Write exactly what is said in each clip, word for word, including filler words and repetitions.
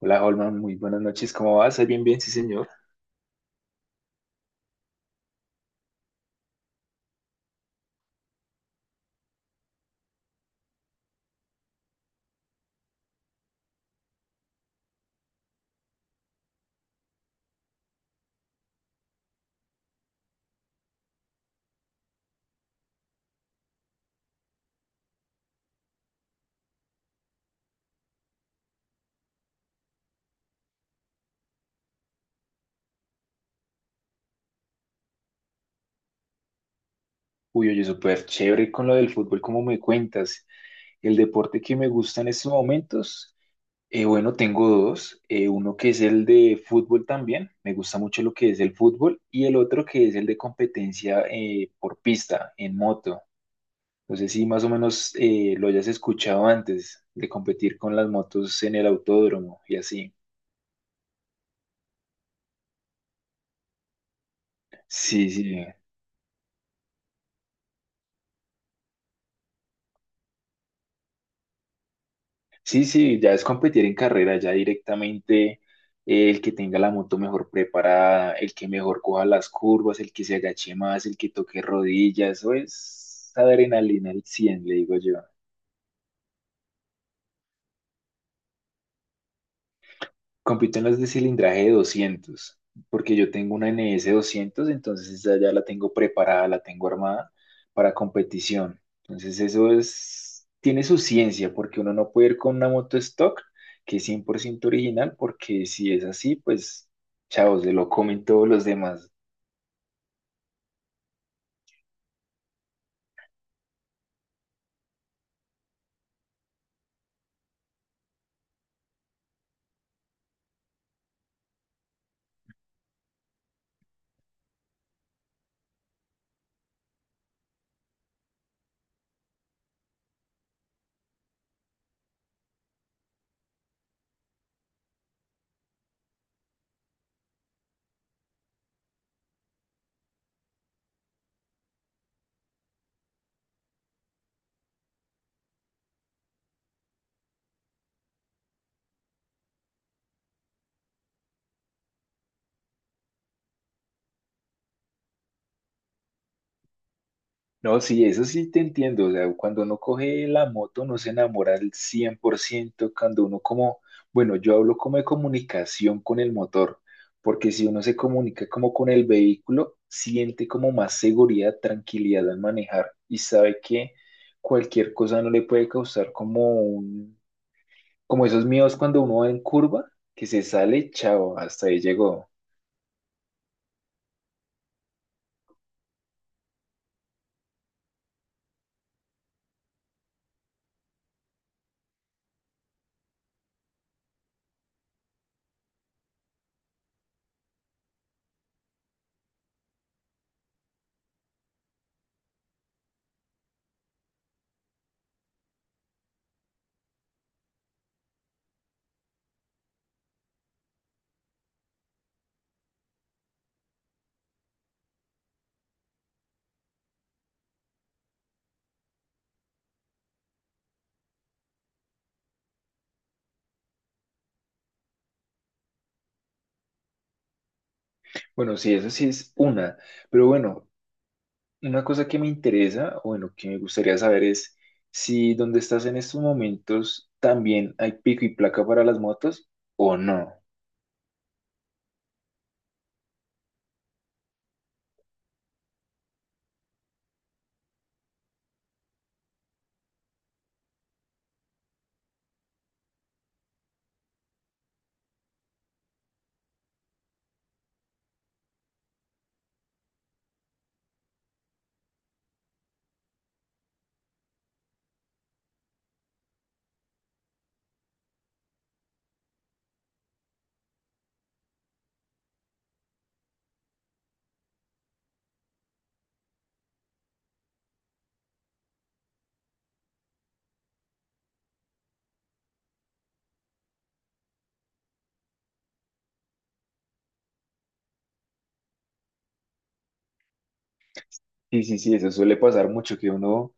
Hola, Holman, muy buenas noches. ¿Cómo vas? Ay, bien, bien, sí, señor. Uy, oye, súper chévere con lo del fútbol, ¿cómo me cuentas? El deporte que me gusta en estos momentos, eh, bueno, tengo dos. Eh, uno que es el de fútbol también, me gusta mucho lo que es el fútbol, y el otro que es el de competencia eh, por pista, en moto. No sé si más o menos eh, lo hayas escuchado antes, de competir con las motos en el autódromo y así. Sí, sí. Sí, sí, ya es competir en carrera, ya directamente eh, el que tenga la moto mejor preparada, el que mejor coja las curvas, el que se agache más, el que toque rodillas, eso es adrenalina al cien, le digo yo. Compito en las de cilindraje de doscientos, porque yo tengo una N S doscientos, entonces esa ya la tengo preparada, la tengo armada para competición. Entonces eso es, tiene su ciencia, porque uno no puede ir con una moto stock que es cien por ciento original, porque si es así, pues chao, se lo comen todos los demás. No, sí, eso sí te entiendo. O sea, cuando uno coge la moto no se enamora al cien por ciento. Cuando uno como, bueno, yo hablo como de comunicación con el motor, porque si uno se comunica como con el vehículo, siente como más seguridad, tranquilidad al manejar y sabe que cualquier cosa no le puede causar como un, como esos miedos cuando uno va en curva, que se sale, chao, hasta ahí llegó. Bueno, sí, eso sí es una, pero bueno. Una cosa que me interesa, o bueno, que me gustaría saber es si donde estás en estos momentos también hay pico y placa para las motos o no. Sí, sí, sí, eso suele pasar mucho, que uno,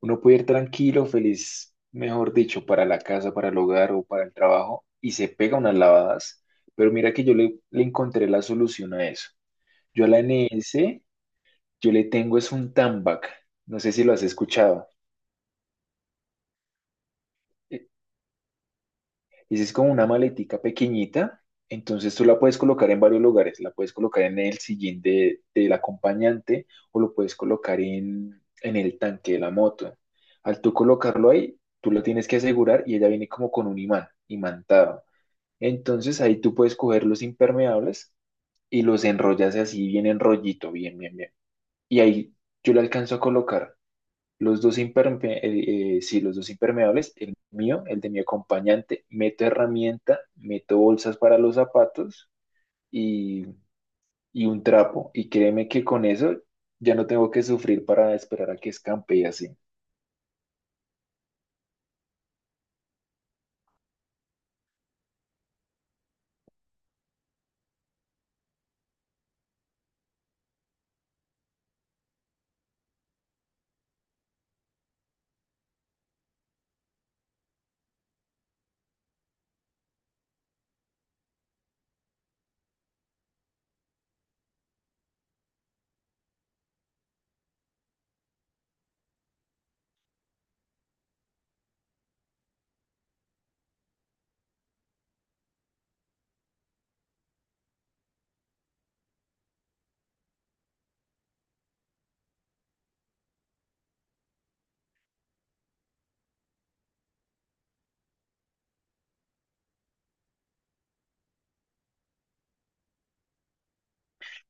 uno puede ir tranquilo, feliz, mejor dicho, para la casa, para el hogar o para el trabajo y se pega unas lavadas. Pero mira que yo le, le encontré la solución a eso. Yo a la N S yo le tengo es un TAMBAC. No sé si lo has escuchado. e, Esa es como una maletica pequeñita, entonces tú la puedes colocar en varios lugares, la puedes colocar en el sillín de, del acompañante o lo puedes colocar en, en el tanque de la moto. Al tú colocarlo ahí, tú lo tienes que asegurar y ella viene como con un imán, imantado. Entonces ahí tú puedes coger los impermeables y los enrollas así bien enrollito, bien, bien, bien. Y ahí yo le alcanzo a colocar los dos imperme- eh, eh, sí, los dos impermeables, el mío, el de mi acompañante, meto herramienta, meto bolsas para los zapatos y, y un trapo. Y créeme que con eso ya no tengo que sufrir para esperar a que escampe y así.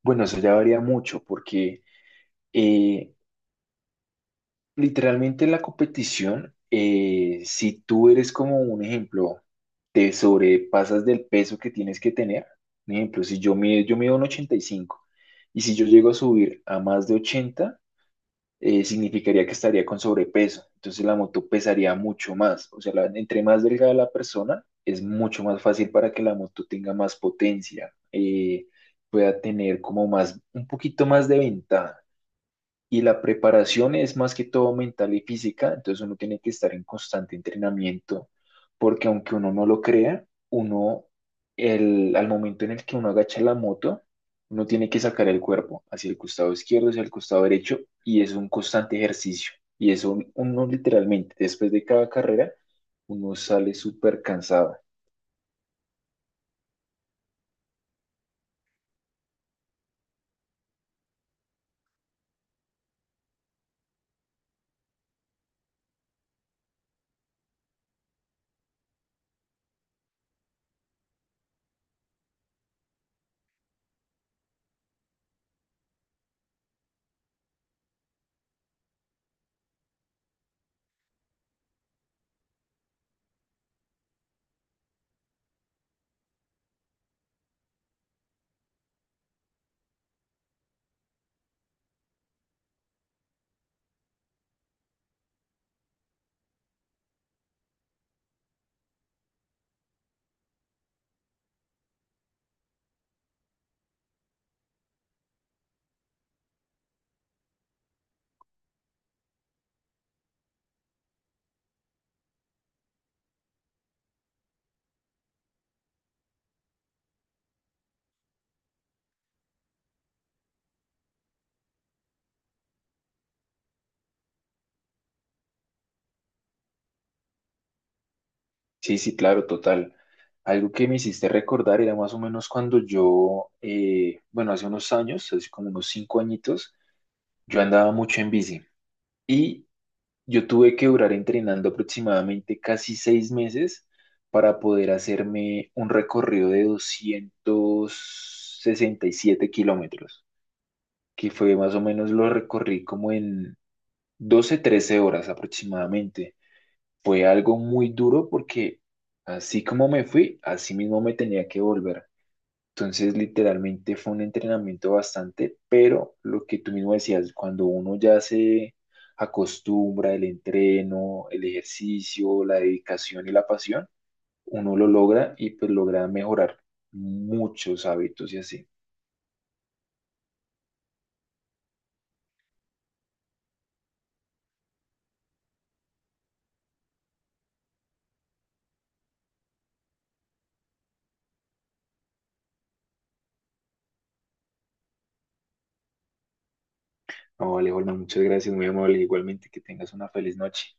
Bueno, eso ya varía mucho porque eh, literalmente la competición, eh, si tú eres como un ejemplo, te sobrepasas del peso que tienes que tener. Un ejemplo, si yo mido, yo mido un ochenta y cinco y cinco y si yo llego a subir a más de ochenta, eh, significaría que estaría con sobrepeso. Entonces la moto pesaría mucho más. O sea, la- entre más delgada la persona, es mucho más fácil para que la moto tenga más potencia, eh, pueda tener como más, un poquito más de ventaja. Y la preparación es más que todo mental y física, entonces uno tiene que estar en constante entrenamiento, porque aunque uno no lo crea, uno, el, al momento en el que uno agacha la moto, uno tiene que sacar el cuerpo hacia el costado izquierdo, hacia el costado derecho, y es un constante ejercicio. Y eso uno literalmente, después de cada carrera, uno sale súper cansado. Sí, sí, claro, total. Algo que me hiciste recordar era más o menos cuando yo, eh, bueno, hace unos años, hace como unos cinco añitos, yo andaba mucho en bici y yo tuve que durar entrenando aproximadamente casi seis meses para poder hacerme un recorrido de doscientos sesenta y siete kilómetros, que fue más o menos lo recorrí como en doce, trece horas aproximadamente fue algo muy duro porque así como me fui, así mismo me tenía que volver. Entonces, literalmente fue un entrenamiento bastante, pero lo que tú mismo decías, cuando uno ya se acostumbra el entreno, el ejercicio, la dedicación y la pasión, uno lo logra y pues logra mejorar muchos hábitos y así. No, vale, Holman, muchas gracias, muy amable. Igualmente, que tengas una feliz noche.